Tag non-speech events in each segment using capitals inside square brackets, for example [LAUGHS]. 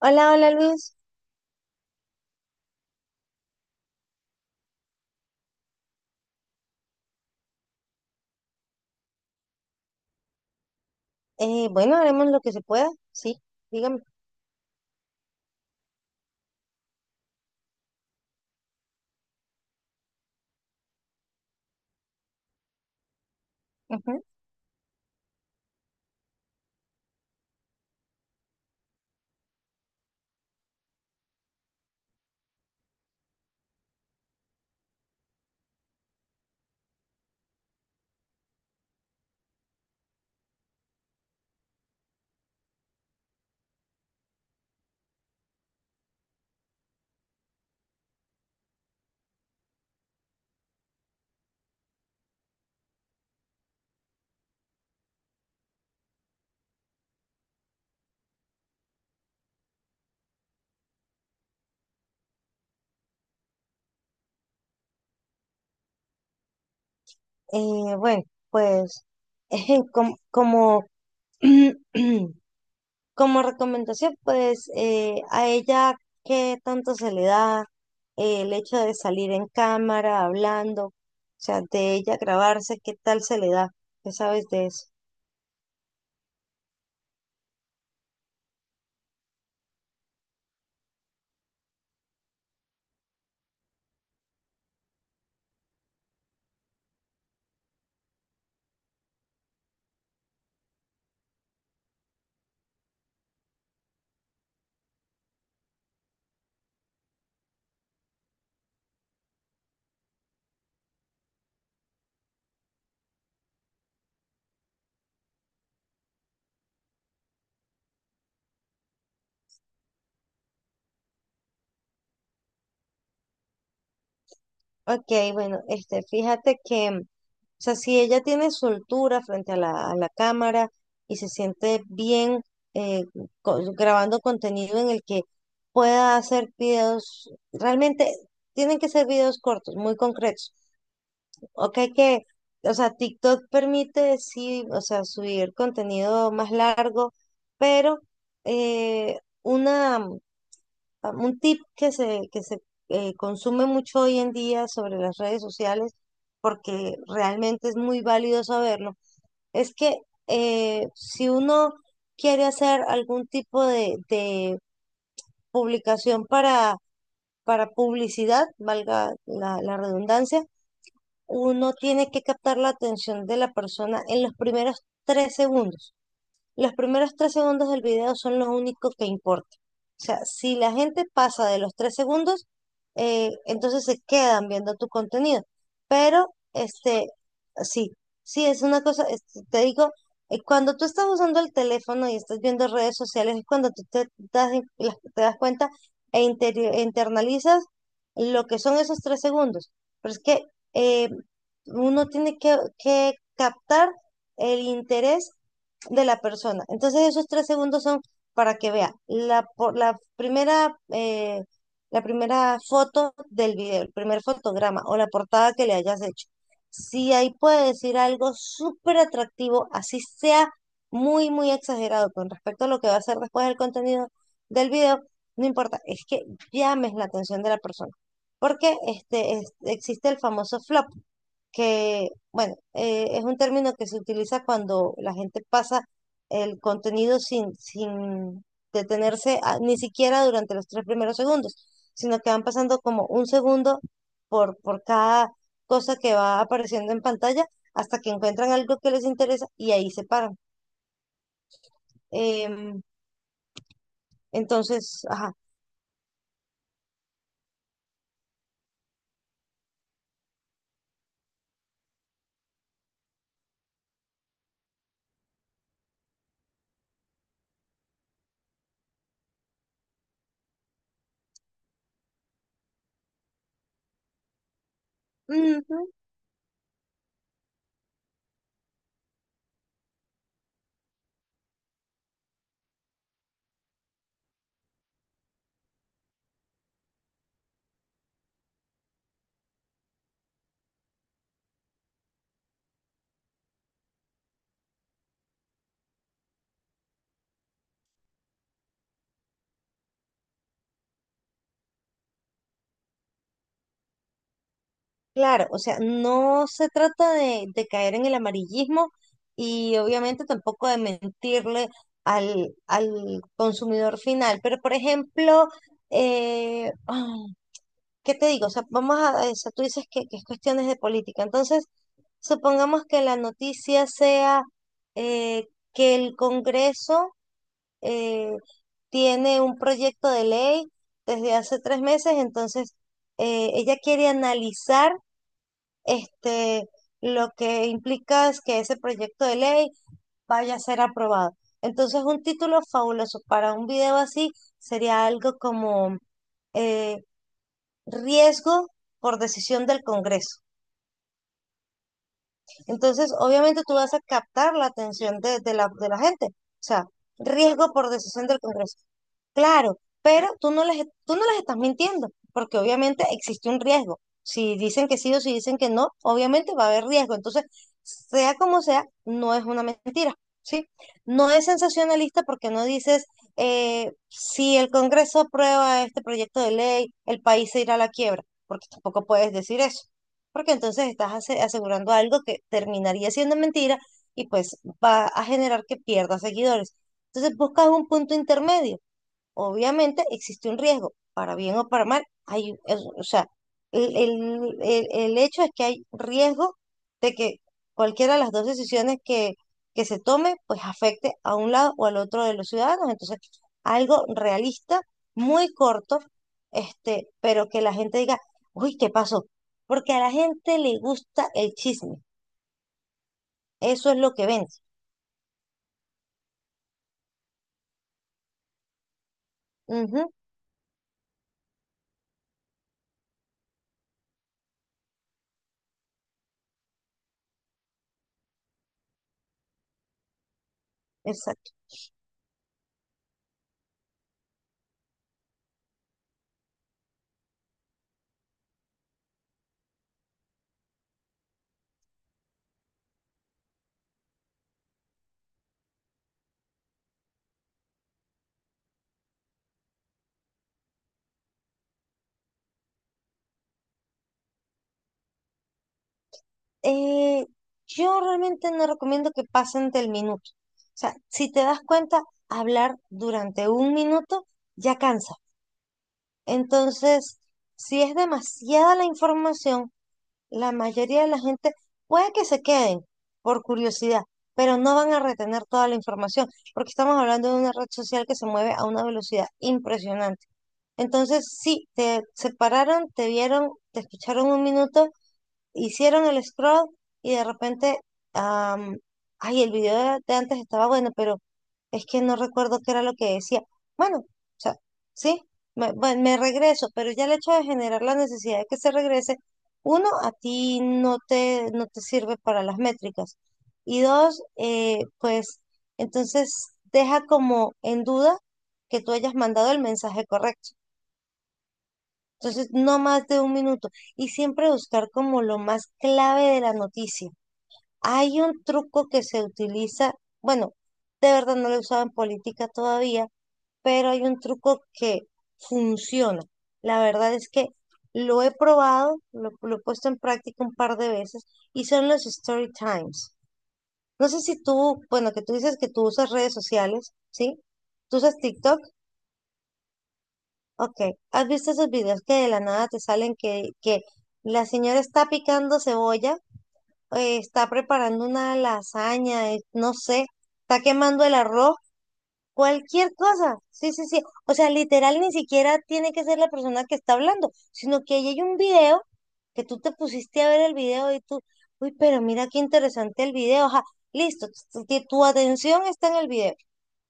Hola, hola, Luis. Bueno, haremos lo que se pueda, sí, dígame. Ujú. Bueno, pues [LAUGHS] eh, como, como, [CLEARS THROAT] como recomendación, pues a ella qué tanto se le da el hecho de salir en cámara, hablando, o sea, de ella grabarse, qué tal se le da, ¿qué sabes de eso? Ok, bueno, este, fíjate que, o sea, si ella tiene soltura frente a la cámara y se siente bien eh, grabando contenido en el que pueda hacer videos, realmente tienen que ser videos cortos, muy concretos. Ok, que, o sea, TikTok permite, sí, o sea, subir contenido más largo, pero eh, una... ah, un tip que se consume mucho hoy en día sobre las redes sociales, porque realmente es muy válido saberlo, es que si uno quiere hacer algún tipo de publicación para publicidad, valga la redundancia, uno tiene que captar la atención de la persona en los primeros 3 segundos. Los primeros tres segundos del video son los únicos que importan. O sea, si la gente pasa de los 3 segundos, entonces se quedan viendo tu contenido. Pero, este, sí, sí, es una cosa, te digo, cuando tú estás usando el teléfono y estás viendo redes sociales, es cuando tú te das cuenta e internalizas lo que son esos 3 segundos. Pero es que eh, uno tiene que captar el interés de la persona. Entonces esos 3 segundos son para que vea la primera foto del video, el primer fotograma o la portada que le hayas hecho. Si ahí puede decir algo súper atractivo, así sea muy, muy exagerado con respecto a lo que va a ser después del contenido del video, no importa, es que llames la atención de la persona. Porque este, existe el famoso flop, que, bueno, es un término que se utiliza cuando la gente pasa el contenido sin detenerse ni siquiera durante los 3 primeros segundos, sino que van pasando como un segundo por cada cosa que va apareciendo en pantalla hasta que encuentran algo que les interesa y ahí se paran. Em, entonces, ajá. Claro, o sea, no se trata de caer en el amarillismo y obviamente tampoco de mentirle al consumidor final, pero por ejemplo, ay, ¿qué te digo? O sea, o sea, tú dices que es cuestiones de política, entonces supongamos que la noticia sea eh, que el Congreso eh, tiene un proyecto de ley desde hace 3 meses, entonces ella quiere analizar este, lo que implica es que ese proyecto de ley vaya a ser aprobado. Entonces, un título fabuloso para un video así sería algo como eh, riesgo por decisión del Congreso. Entonces, obviamente tú vas a captar la atención de la gente. O sea, riesgo por decisión del Congreso. Claro, pero tú no les estás mintiendo, porque obviamente existe un riesgo. Si dicen que sí o si dicen que no, obviamente va a haber riesgo. Entonces, sea como sea, no es una mentira, ¿sí? No es sensacionalista porque no dices, si el Congreso aprueba este proyecto de ley, el país se irá a la quiebra, porque tampoco puedes decir eso porque entonces estás asegurando algo que terminaría siendo mentira y pues va a generar que pierdas seguidores. Entonces buscas un punto intermedio. Obviamente existe un riesgo, para bien o para mal, o sea, el hecho es que hay riesgo de que cualquiera de las dos decisiones que se tome, pues afecte a un lado o al otro de los ciudadanos. Entonces, algo realista, muy corto, este, pero que la gente diga, uy, ¿qué pasó? Porque a la gente le gusta el chisme, eso es lo que vende. Ujú, exacto. Eh, yo realmente no recomiendo que pasen del minuto. O sea, si te das cuenta, hablar durante un minuto ya cansa. Entonces, si es demasiada la información, la mayoría de la gente puede que se queden por curiosidad, pero no van a retener toda la información, porque estamos hablando de una red social que se mueve a una velocidad impresionante. Entonces, sí, te separaron, te vieron, te escucharon un minuto, hicieron el scroll y de repente, am, ay, el video de antes estaba bueno, pero es que no recuerdo qué era lo que decía. Bueno, o sea, sí, bueno, me regreso, pero ya el hecho de generar la necesidad de que se regrese, uno, a ti no te sirve para las métricas. Y dos, pues entonces deja como en duda que tú hayas mandado el mensaje correcto. Entonces, no más de un minuto. Y siempre buscar como lo más clave de la noticia. Hay un truco que se utiliza, bueno, de verdad no lo he usado en política todavía, pero hay un truco que funciona. La verdad es que lo he probado, lo he puesto en práctica un par de veces y son los story times. No sé si tú, bueno, que tú dices que tú usas redes sociales, ¿sí? ¿Tú usas TikTok? Ok, ¿has visto esos videos que de la nada te salen que la señora está picando cebolla, está preparando una lasaña, no sé, está quemando el arroz, cualquier cosa? Sí, sí, sí. O sea, literal ni siquiera tiene que ser la persona que está hablando, sino que ahí hay un video que tú te pusiste a ver el video y tú, uy, pero mira qué interesante el video, ajá, listo, tu atención está en el video.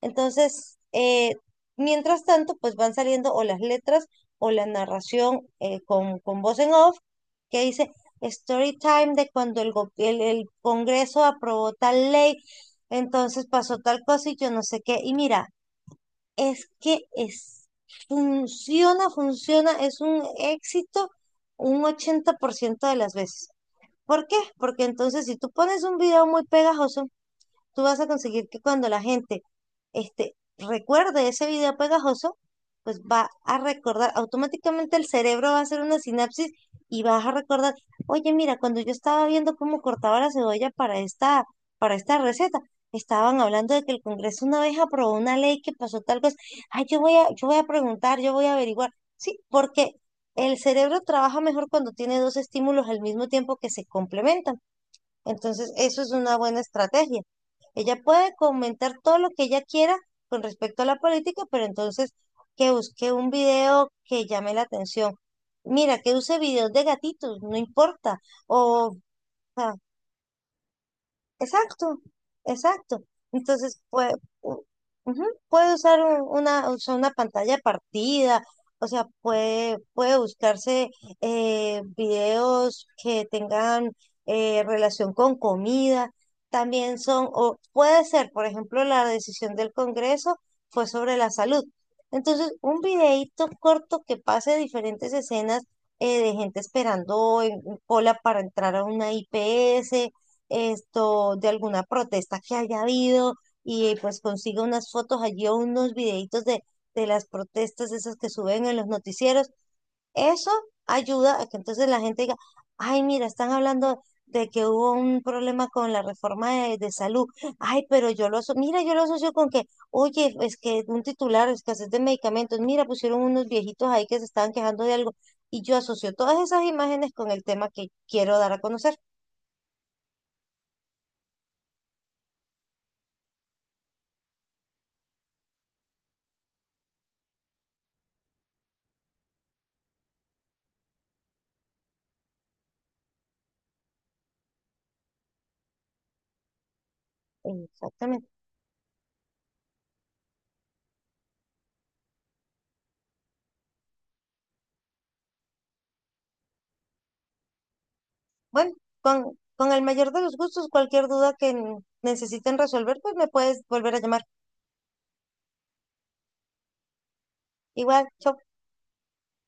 Entonces, mientras tanto, pues van saliendo o las letras o la narración con voz en off que dice story time de cuando el Congreso aprobó tal ley, entonces pasó tal cosa y yo no sé qué. Y mira, es que es, funciona, funciona, es un éxito un 80% de las veces. ¿Por qué? Porque entonces si tú pones un video muy pegajoso, tú vas a conseguir que cuando la gente este, recuerde ese video pegajoso, pues va a recordar, automáticamente el cerebro va a hacer una sinapsis y vas a recordar, oye, mira, cuando yo estaba viendo cómo cortaba la cebolla para esta receta, estaban hablando de que el Congreso una vez aprobó una ley que pasó tal cosa, ay, yo voy a preguntar, yo voy a averiguar, sí, porque el cerebro trabaja mejor cuando tiene dos estímulos al mismo tiempo que se complementan. Entonces, eso es una buena estrategia. Ella puede comentar todo lo que ella quiera con respecto a la política, pero entonces que busque un video que llame la atención. Mira, que use videos de gatitos, no importa. O, Exacto, exacto. Entonces, u- ujú, puede usar una, o sea, una pantalla partida, o sea, puede, buscarse videos que tengan relación con comida. También son, o puede ser, por ejemplo, la decisión del Congreso fue sobre la salud. Entonces, un videíto corto que pase diferentes escenas de gente esperando en cola para entrar a una IPS, esto de alguna protesta que haya habido y pues consiga unas fotos allí o unos videitos de las protestas esas que suben en los noticieros. Eso ayuda a que entonces la gente diga, ay, mira, están hablando de que hubo un problema con la reforma de salud. Ay, pero yo lo aso mira, yo lo asocio con que, oye, es que un titular, escasez de medicamentos, mira, pusieron unos viejitos ahí que se estaban quejando de algo. Y yo asocio todas esas imágenes con el tema que quiero dar a conocer. Exactamente. Bueno, con el mayor de los gustos, cualquier duda que necesiten resolver, pues me puedes volver a llamar. Igual, chao.